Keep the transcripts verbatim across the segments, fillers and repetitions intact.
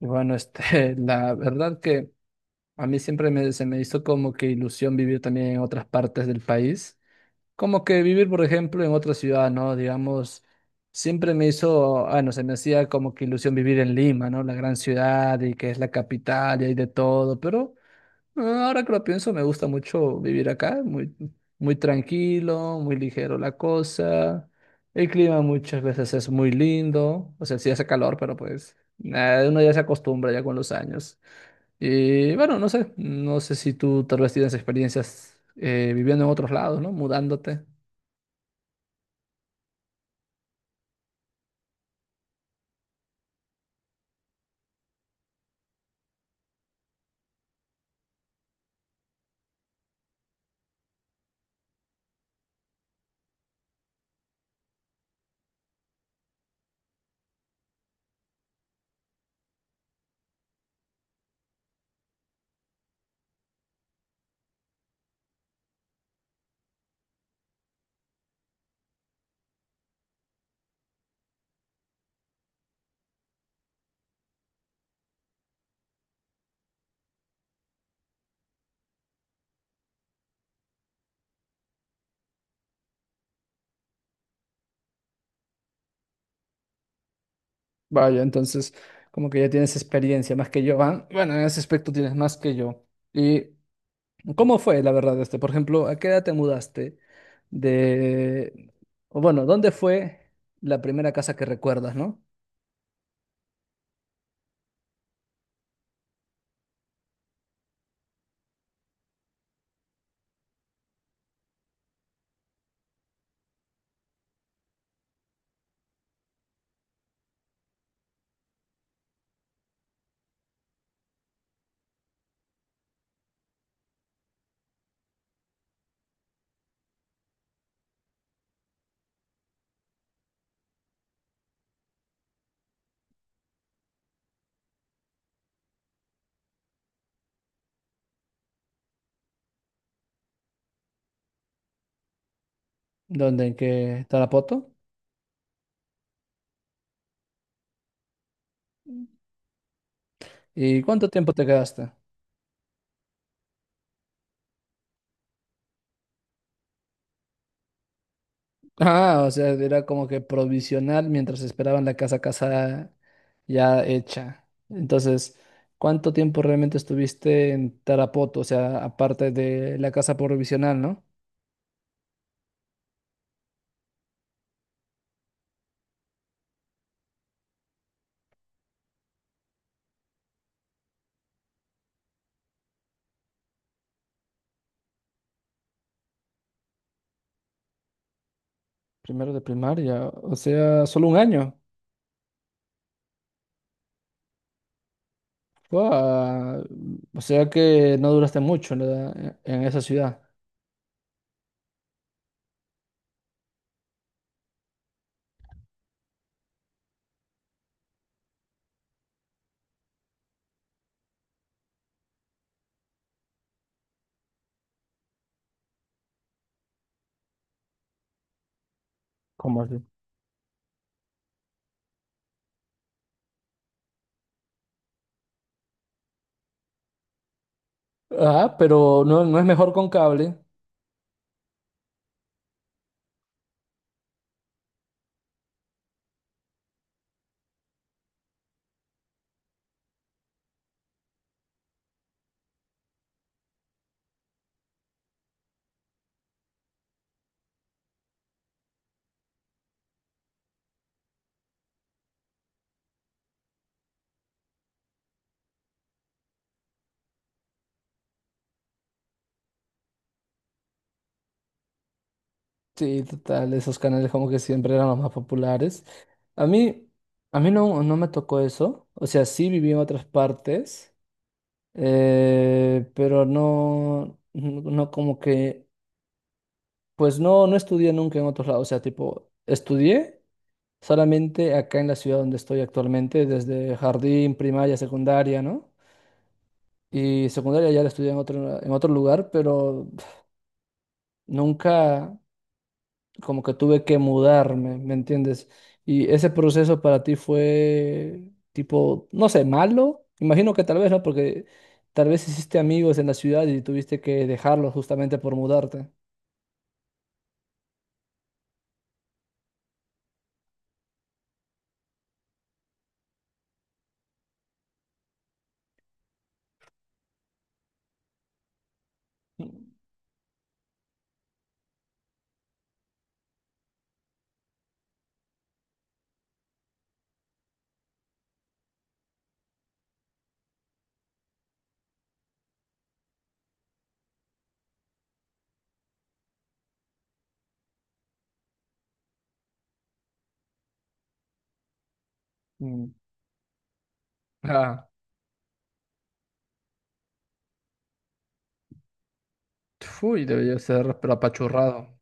Y bueno, este, la verdad que a mí siempre me, se me hizo como que ilusión vivir también en otras partes del país. Como que vivir, por ejemplo, en otra ciudad, ¿no? Digamos, siempre me hizo, ah, no se me hacía como que ilusión vivir en Lima, ¿no? La gran ciudad y que es la capital y hay de todo, pero... Ah, Ahora que lo pienso, me gusta mucho vivir acá, muy, muy tranquilo, muy ligero la cosa. El clima muchas veces es muy lindo, o sea, sí hace calor, pero pues nada, uno ya se acostumbra ya con los años. Y bueno, no sé, no sé si tú tal vez tienes experiencias eh, viviendo en otros lados, ¿no? Mudándote. Vaya, entonces como que ya tienes experiencia más que yo, ¿va? Bueno, en ese aspecto tienes más que yo. Y ¿cómo fue, la verdad, este? Por ejemplo, ¿a qué edad te mudaste de, o bueno, ¿dónde fue la primera casa que recuerdas, ¿no? ¿Dónde, en qué Tarapoto? ¿Y cuánto tiempo te quedaste? Ah, o sea, era como que provisional mientras esperaban la casa casa ya hecha. Entonces, ¿cuánto tiempo realmente estuviste en Tarapoto? O sea, aparte de la casa provisional, ¿no? Primero de primaria, o sea, solo un año. Guau, o sea que no duraste mucho en, la- en esa ciudad. ¿Cómo así? Ah, pero no, no es mejor con cable. Sí, total, esos canales como que siempre eran los más populares. A mí, a mí no, no me tocó eso. O sea, sí viví en otras partes, eh, pero no, no no como que, pues no, no estudié nunca en otros lados. O sea, tipo, estudié solamente acá en la ciudad donde estoy actualmente, desde jardín, primaria, secundaria, ¿no? Y secundaria ya la estudié en otro, en otro lugar, pero nunca como que tuve que mudarme, ¿me entiendes? Y ese proceso para ti fue tipo, no sé, malo. Imagino que tal vez no, porque tal vez hiciste amigos en la ciudad y tuviste que dejarlos justamente por mudarte. Mm. Ah, uy, debió ser, pero apachurrado.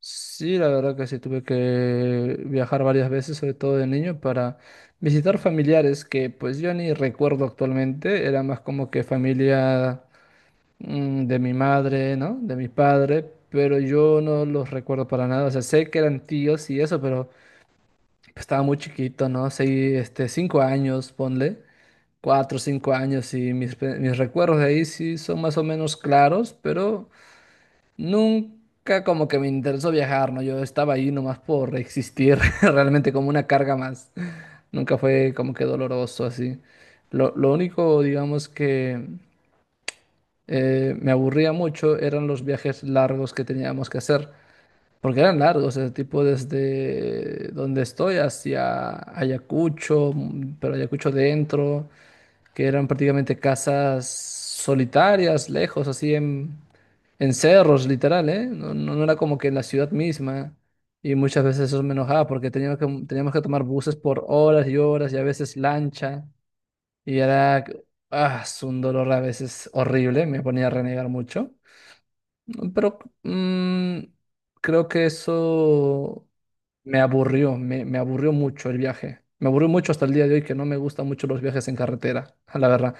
Sí, la verdad que sí, tuve que viajar varias veces, sobre todo de niño, para visitar familiares que pues yo ni recuerdo actualmente, era más como que familia mm, de mi madre, ¿no? De mi padre, pero yo no los recuerdo para nada, o sea, sé que eran tíos y eso, pero pues, estaba muy chiquito, ¿no? Seis, este, cinco años, ponle, cuatro, cinco años y mis, pe- mis recuerdos de ahí sí son más o menos claros, pero... Nunca como que me interesó viajar, ¿no? Yo estaba ahí nomás por existir, realmente como una carga más. Nunca fue como que doloroso así. Lo, lo único, digamos, que eh, me aburría mucho eran los viajes largos que teníamos que hacer, porque eran largos, ese tipo desde donde estoy hacia Ayacucho, mm, pero Ayacucho dentro, que eran prácticamente casas solitarias, lejos, así en en cerros, literal, ¿eh? No, no, no era como que en la ciudad misma. Y muchas veces eso me enojaba porque teníamos que, teníamos que tomar buses por horas y horas y a veces lancha. Y era, ah, es un dolor a veces horrible, me ponía a renegar mucho. Pero mm, creo que eso me aburrió, me, me aburrió mucho el viaje. Me aburrió mucho hasta el día de hoy que no me gustan mucho los viajes en carretera, la verdad.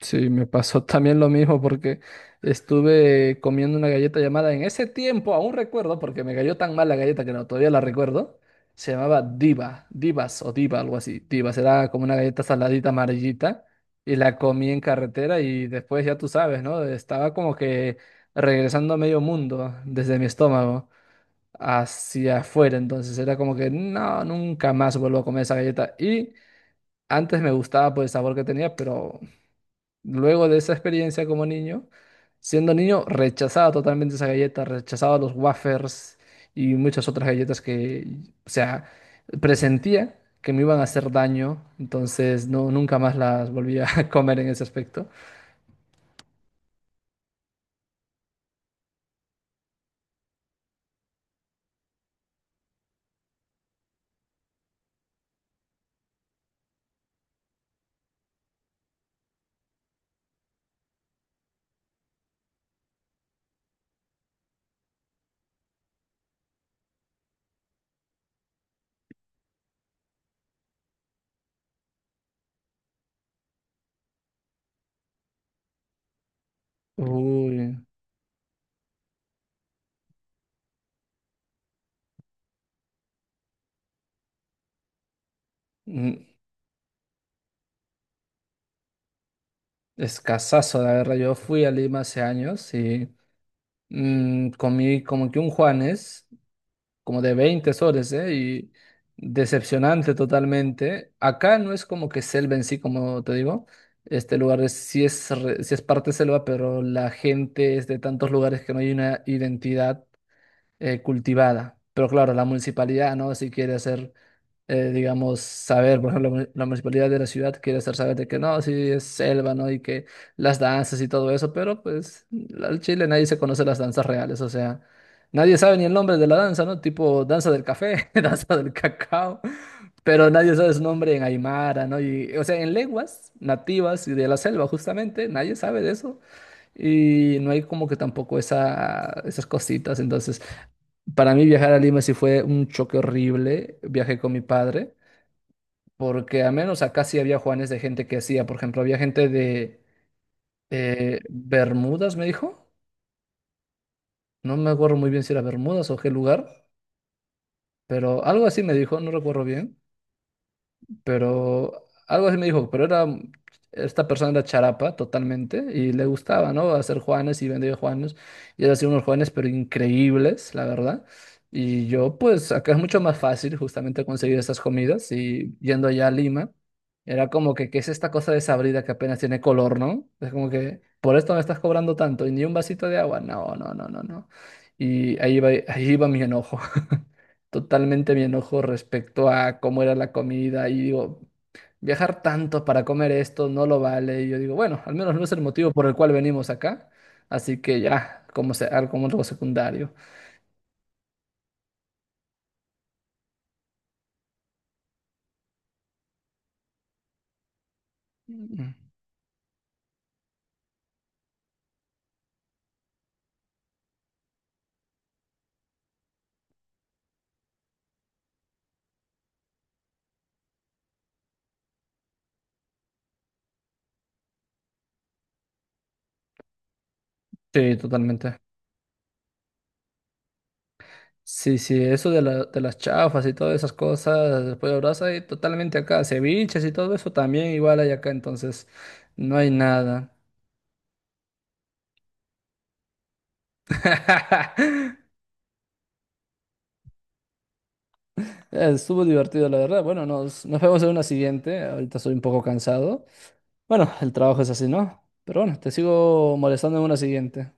Sí, me pasó también lo mismo porque estuve comiendo una galleta llamada en ese tiempo, aún recuerdo, porque me cayó tan mal la galleta que no, todavía la recuerdo. Se llamaba Diva, Divas o Diva, algo así. Divas era como una galleta saladita amarillita y la comí en carretera y después ya tú sabes, ¿no? Estaba como que regresando a medio mundo desde mi estómago hacia afuera, entonces era como que no, nunca más vuelvo a comer esa galleta y antes me gustaba por el sabor que tenía, pero luego de esa experiencia como niño, siendo niño, rechazaba totalmente esa galleta, rechazaba los wafers y muchas otras galletas que, o sea, presentía que me iban a hacer daño, entonces no, nunca más las volví a comer en ese aspecto. Uy, mm, escasazo, la verdad. Yo fui a Lima hace años y mm, comí como que un Juanes. Como de veinte soles, ¿eh? Y decepcionante totalmente. Acá no es como que selva en sí, como te digo. Este lugar es, sí es, re- sí es parte selva, pero la gente es de tantos lugares que no hay una identidad eh, cultivada. Pero claro, la municipalidad, ¿no? Si quiere hacer, eh, digamos, saber, por ejemplo, la mu- la municipalidad de la ciudad quiere hacer saber de que no, sí es selva, ¿no? Y que las danzas y todo eso, pero pues al Chile nadie se conoce las danzas reales, o sea, nadie sabe ni el nombre de la danza, ¿no? Tipo danza del café, danza del cacao, pero nadie sabe su nombre en Aymara, ¿no? Y, o sea, en lenguas nativas y de la selva, justamente, nadie sabe de eso. Y no hay como que tampoco esa, esas cositas, entonces... Para mí viajar a Lima sí fue un choque horrible. Viajé con mi padre, porque al menos acá sí había Juanes de gente que hacía. Por ejemplo, había gente de eh, Bermudas, me dijo. No me acuerdo muy bien si era Bermudas o qué lugar, pero algo así me dijo, no recuerdo bien. Pero algo así me dijo, pero era, esta persona era charapa totalmente y le gustaba, ¿no? Hacer juanes y vendía juanes y él hacía unos juanes pero increíbles, la verdad. Y yo, pues, acá es mucho más fácil justamente conseguir esas comidas y yendo allá a Lima, era como que, ¿qué es esta cosa desabrida que apenas tiene color, ¿no? Es como que, por esto me estás cobrando tanto y ni un vasito de agua, no, no, no, no, no. Y ahí iba, ahí iba mi enojo, totalmente mi enojo respecto a cómo era la comida y digo, viajar tanto para comer esto no lo vale. Y yo digo, bueno, al menos no es el motivo por el cual venimos acá. Así que ya, como se- algo como algo secundario. Mm. Sí, totalmente. Sí, sí, eso de, la- de las chafas y todas esas cosas, después de brasa, y totalmente acá. Ceviches y todo eso también igual hay acá, entonces no hay nada. Estuvo divertido, la verdad. Bueno, nos, nos vemos en una siguiente. Ahorita soy un poco cansado. Bueno, el trabajo es así, ¿no? Pero bueno, te sigo molestando en una siguiente.